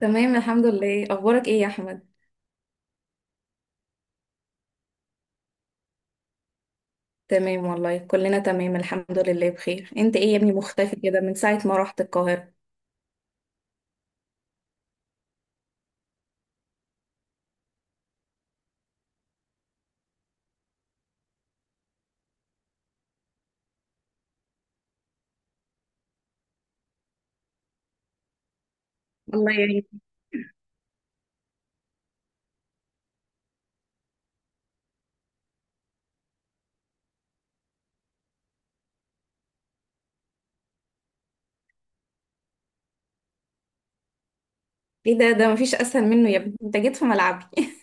تمام، الحمد لله. اخبارك ايه يا احمد؟ تمام والله، كلنا تمام الحمد لله بخير. انت ايه يا ابني مختفي كده من ساعة ما رحت القاهرة؟ الله يعينك. ايه ده، ده مفيش اسهل منه يا ابني، انت جيت في ملعبي.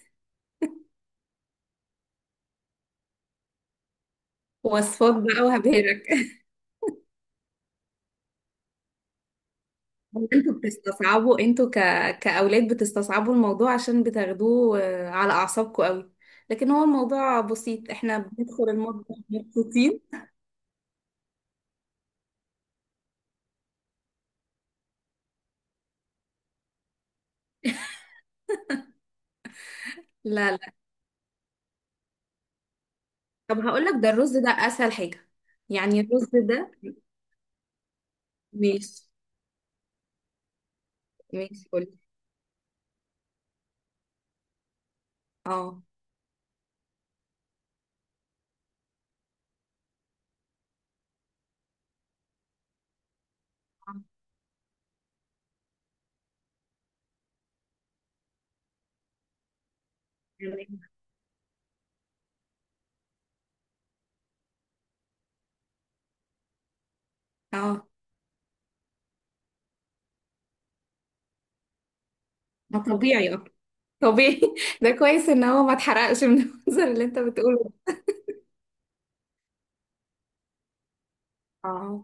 وصفات بقى وهبهرك. انتوا بتستصعبوا، انتوا كأولاد بتستصعبوا الموضوع عشان بتاخدوه على اعصابكم قوي. لكن هو الموضوع بسيط، احنا بندخل المطبخ مبسوطين. لا، لا. طب هقول لك، ده الرز ده اسهل حاجة. يعني الرز ده. ماشي. ماشي، قولي. اه. اه. ده طبيعي، اه. طبيعي. ده كويس ان هو ما اتحرقش من المنظر اللي انت بتقوله. اه.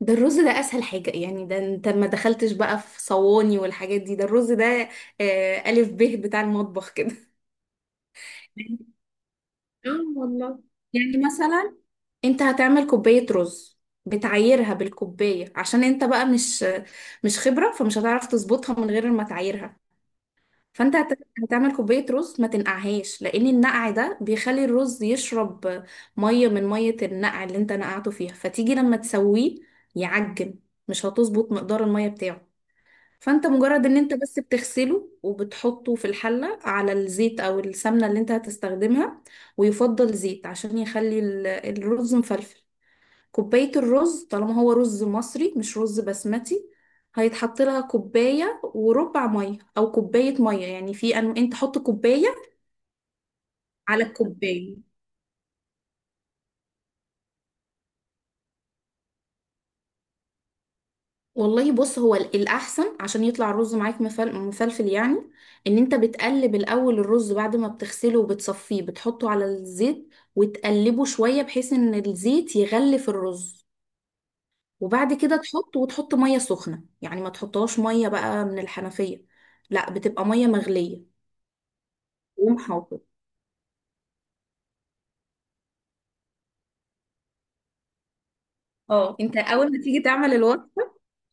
ده الرز ده اسهل حاجة يعني، ده انت ما دخلتش بقى في صواني والحاجات دي، ده الرز ده آه الف ب بتاع المطبخ كده. اه، والله. يعني مثلا، انت هتعمل كوباية رز، بتعايرها بالكوباية عشان انت بقى مش خبرة، فمش هتعرف تظبطها من غير ما تعايرها. فانت هتعمل كوبايه رز، ما تنقعهاش، لان النقع ده بيخلي الرز يشرب ميه من ميه النقع اللي انت نقعته فيها، فتيجي لما تسويه يعجن، مش هتظبط مقدار الميه بتاعه. فانت مجرد ان انت بس بتغسله وبتحطه في الحله على الزيت او السمنه اللي انت هتستخدمها، ويفضل زيت عشان يخلي الرز مفلفل. كوباية الرز، طالما هو رز مصري مش رز بسمتي، هيتحط لها كوباية وربع مية أو كوباية مية، يعني في أن أنت حط كوباية على الكوباية. والله، بص، هو الأحسن عشان يطلع الرز معاك مفلفل يعني، إن أنت بتقلب الأول الرز بعد ما بتغسله وبتصفيه، بتحطه على الزيت وتقلبه شوية بحيث إن الزيت يغلف الرز. وبعد كده تحط مية سخنة، يعني ما تحطهاش مية بقى من الحنفية، لا بتبقى مية مغلية. يوم حافظ. اه، انت اول ما تيجي تعمل الوصفه،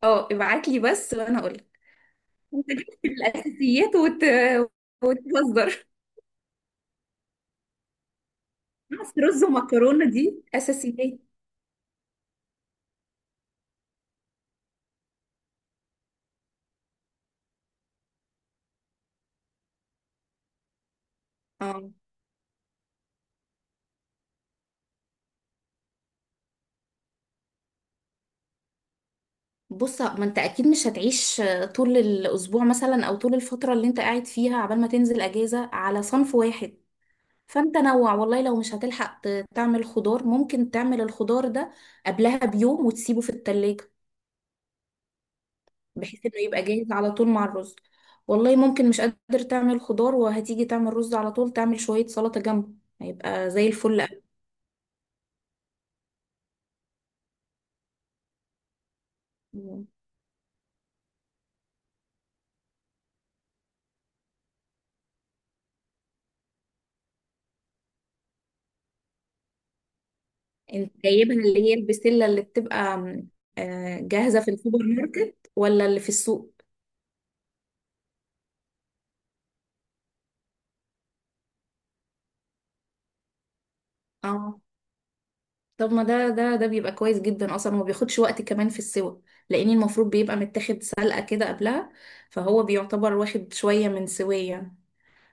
اه ابعت لي بس وانا اقول لك. انت جبت الاساسيات وتهزر. بس رز ومكرونه دي اساسيات. اه، بص، ما انت اكيد مش هتعيش طول الاسبوع مثلا او طول الفتره اللي انت قاعد فيها عبال ما تنزل اجازه على صنف واحد. فانت نوع والله، لو مش هتلحق تعمل خضار ممكن تعمل الخضار ده قبلها بيوم وتسيبه في التلاجة، بحيث انه يبقى جاهز على طول مع الرز. والله ممكن مش قادر تعمل خضار، وهتيجي تعمل رز على طول، تعمل شوية سلطة جنبه، هيبقى زي الفل. أوي. انت جايبها اللي هي البسلة اللي بتبقى جاهزة في السوبر ماركت ولا اللي في السوق؟ اه، طب ما ده بيبقى كويس جدا اصلا وما بياخدش وقت كمان في السوى، لان المفروض بيبقى متاخد سلقة كده قبلها، فهو بيعتبر واخد شوية من سوية.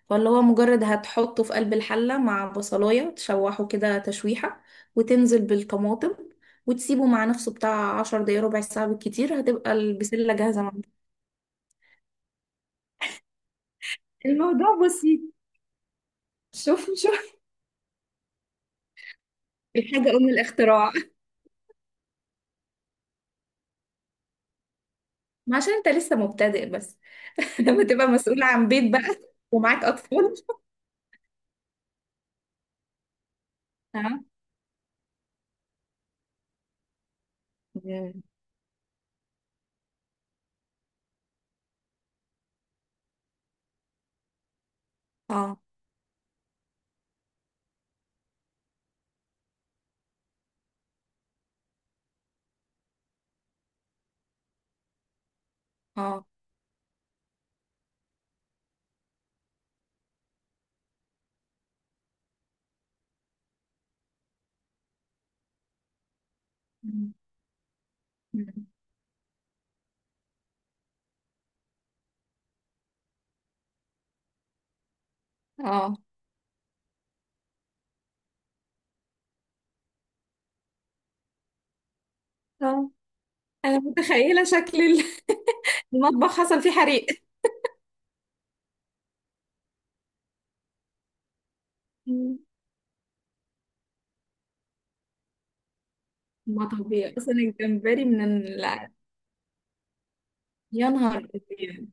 فاللي هو مجرد هتحطه في قلب الحلة مع بصلاية، تشوحه كده تشويحة وتنزل بالطماطم، وتسيبه مع نفسه بتاع 10 دقايق ربع ساعة بالكتير، هتبقى البسلة جاهزة معاك. الموضوع بسيط. شوف، شوف. الحاجة أم الاختراع. ما عشان انت لسه مبتدئ بس. لما تبقى مسؤول عن بيت بقى ومعاك أطفال. ها. اه. اه. اه. اه. أنا متخيلة شكل المطبخ، حصل فيه حريق. ما طبيعي اصلا، الجمبري من يا نهار أبيض.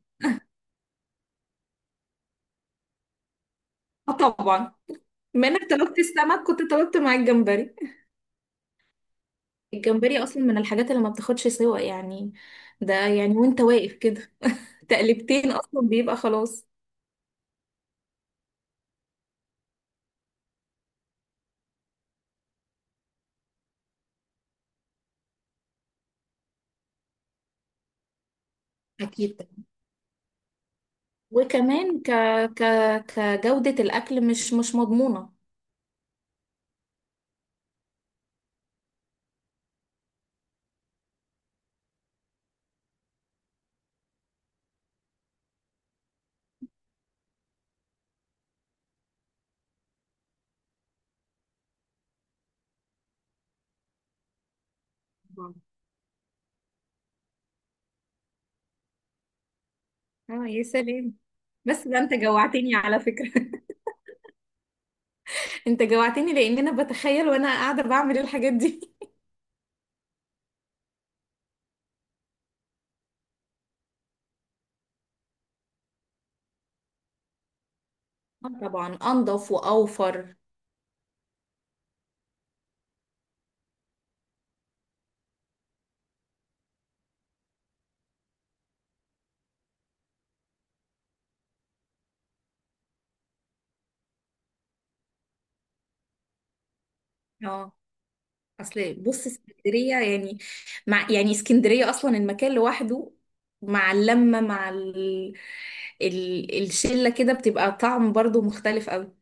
اه، طبعا. بما انك طلبت السمك كنت طلبت مع الجمبري. الجمبري اصلا من الحاجات اللي ما بتاخدش سوا يعني، ده يعني وانت واقف كده تقلبتين اصلا بيبقى خلاص. اكيد. وكمان ك... كجودة الاكل مش مضمونة. اه، يا سلام. بس ده انت جوعتني على فكرة. انت جوعتني لان انا بتخيل وانا قاعدة بعمل الحاجات دي. آه، طبعا، انضف واوفر. اه، اصل، بص، اسكندريه يعني، مع يعني اسكندريه اصلا المكان لوحده، مع اللمه مع الشله كده بتبقى طعم برضو مختلف قوي.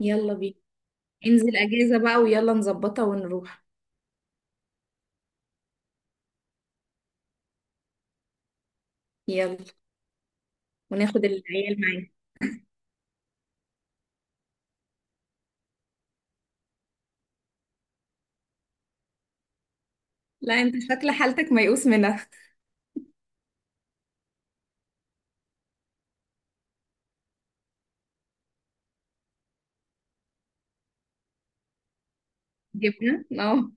يلا بينا. انزل اجازه بقى ويلا نظبطها ونروح. يلا. وناخد العيال معانا. لا، انت شكل حالتك ميؤوس منها. جبنه، اه.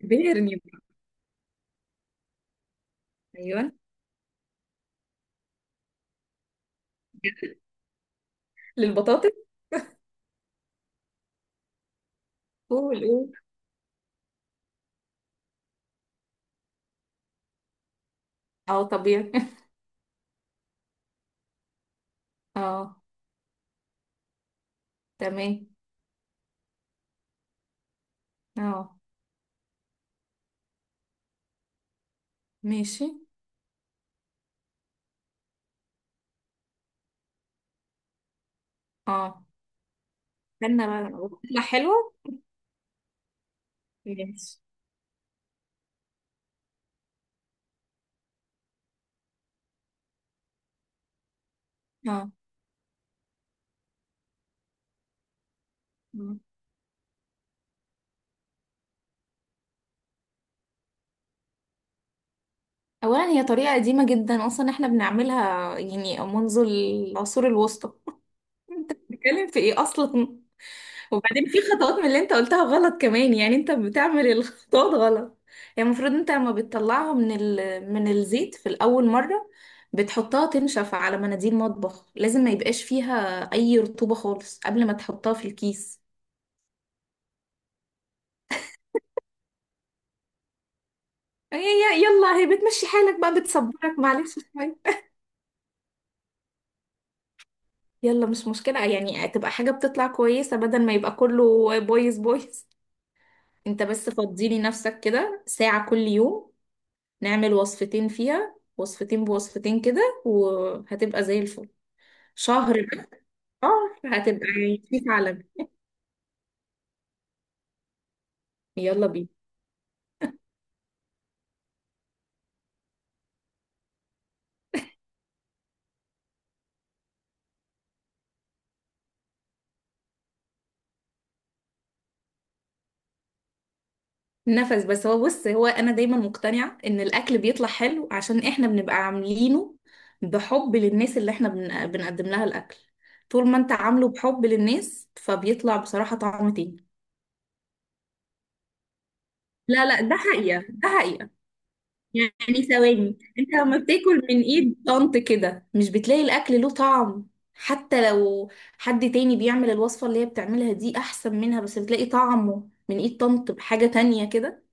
بيرني بقى. ايوه. للبطاطس؟ قول، قول. اه، طبيعي. اه. تمام. اه. ماشي. اه، استنى بقى، تطلع حلوه؟ ماشي. اه. مم. اولا، هي طريقه قديمه جدا اصلا، احنا بنعملها يعني منذ العصور الوسطى. انت بتتكلم في ايه اصلا؟ وبعدين في خطوات من اللي انت قلتها غلط كمان، يعني انت بتعمل الخطوات غلط. يعني المفروض انت لما بتطلعها من الزيت في الاول مره، بتحطها تنشف على مناديل مطبخ، لازم ما يبقاش فيها اي رطوبه خالص قبل ما تحطها في الكيس. يلا هي بتمشي حالك بقى، بتصبرك معلش شوية. يلا، مش مشكلة يعني، تبقى حاجة بتطلع كويسة بدل ما يبقى كله بايظ بايظ. انت بس فضيلي نفسك كده ساعة كل يوم، نعمل وصفتين فيها وصفتين بوصفتين كده وهتبقى زي الفل. شهر بس. شهر هتبقى في عالمي. يلا بينا. نفس. بس هو، بص، هو انا دايما مقتنعة ان الاكل بيطلع حلو عشان احنا بنبقى عاملينه بحب للناس اللي احنا بنقدم لها الاكل. طول ما انت عامله بحب للناس، فبيطلع بصراحة طعم تاني. لا، لا، ده حقيقة، ده حقيقة. يعني ثواني، انت لما بتاكل من ايد طنط كده مش بتلاقي الاكل له طعم، حتى لو حد تاني بيعمل الوصفة اللي هي بتعملها دي احسن منها، بس بتلاقي طعمه من ايد طنط بحاجة تانية كده؟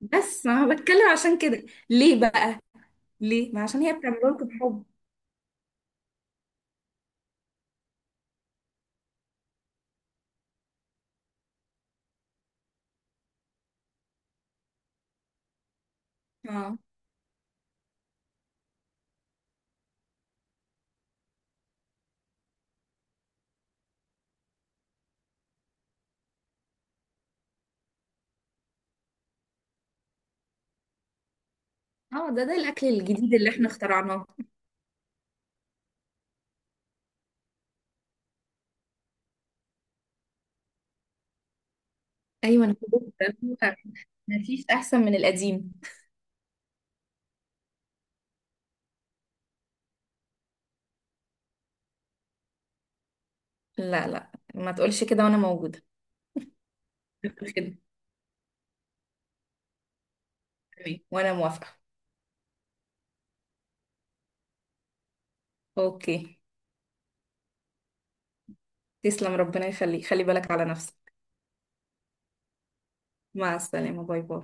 بس انا بتكلم عشان كده، ليه بقى؟ ليه؟ ما عشان هي بتعمله لكم بحب. اه. اه. ده الاكل الجديد اللي احنا اخترعناه. ايوه، انا فوجئت. مفيش احسن من القديم. لا، لا، ما تقولش كده وانا موجودة. ما تقولش كده. تمام. وانا موافقة. اوكي. تسلم، ربنا يخليك، خلي بالك على نفسك. مع السلامة. باي، باي.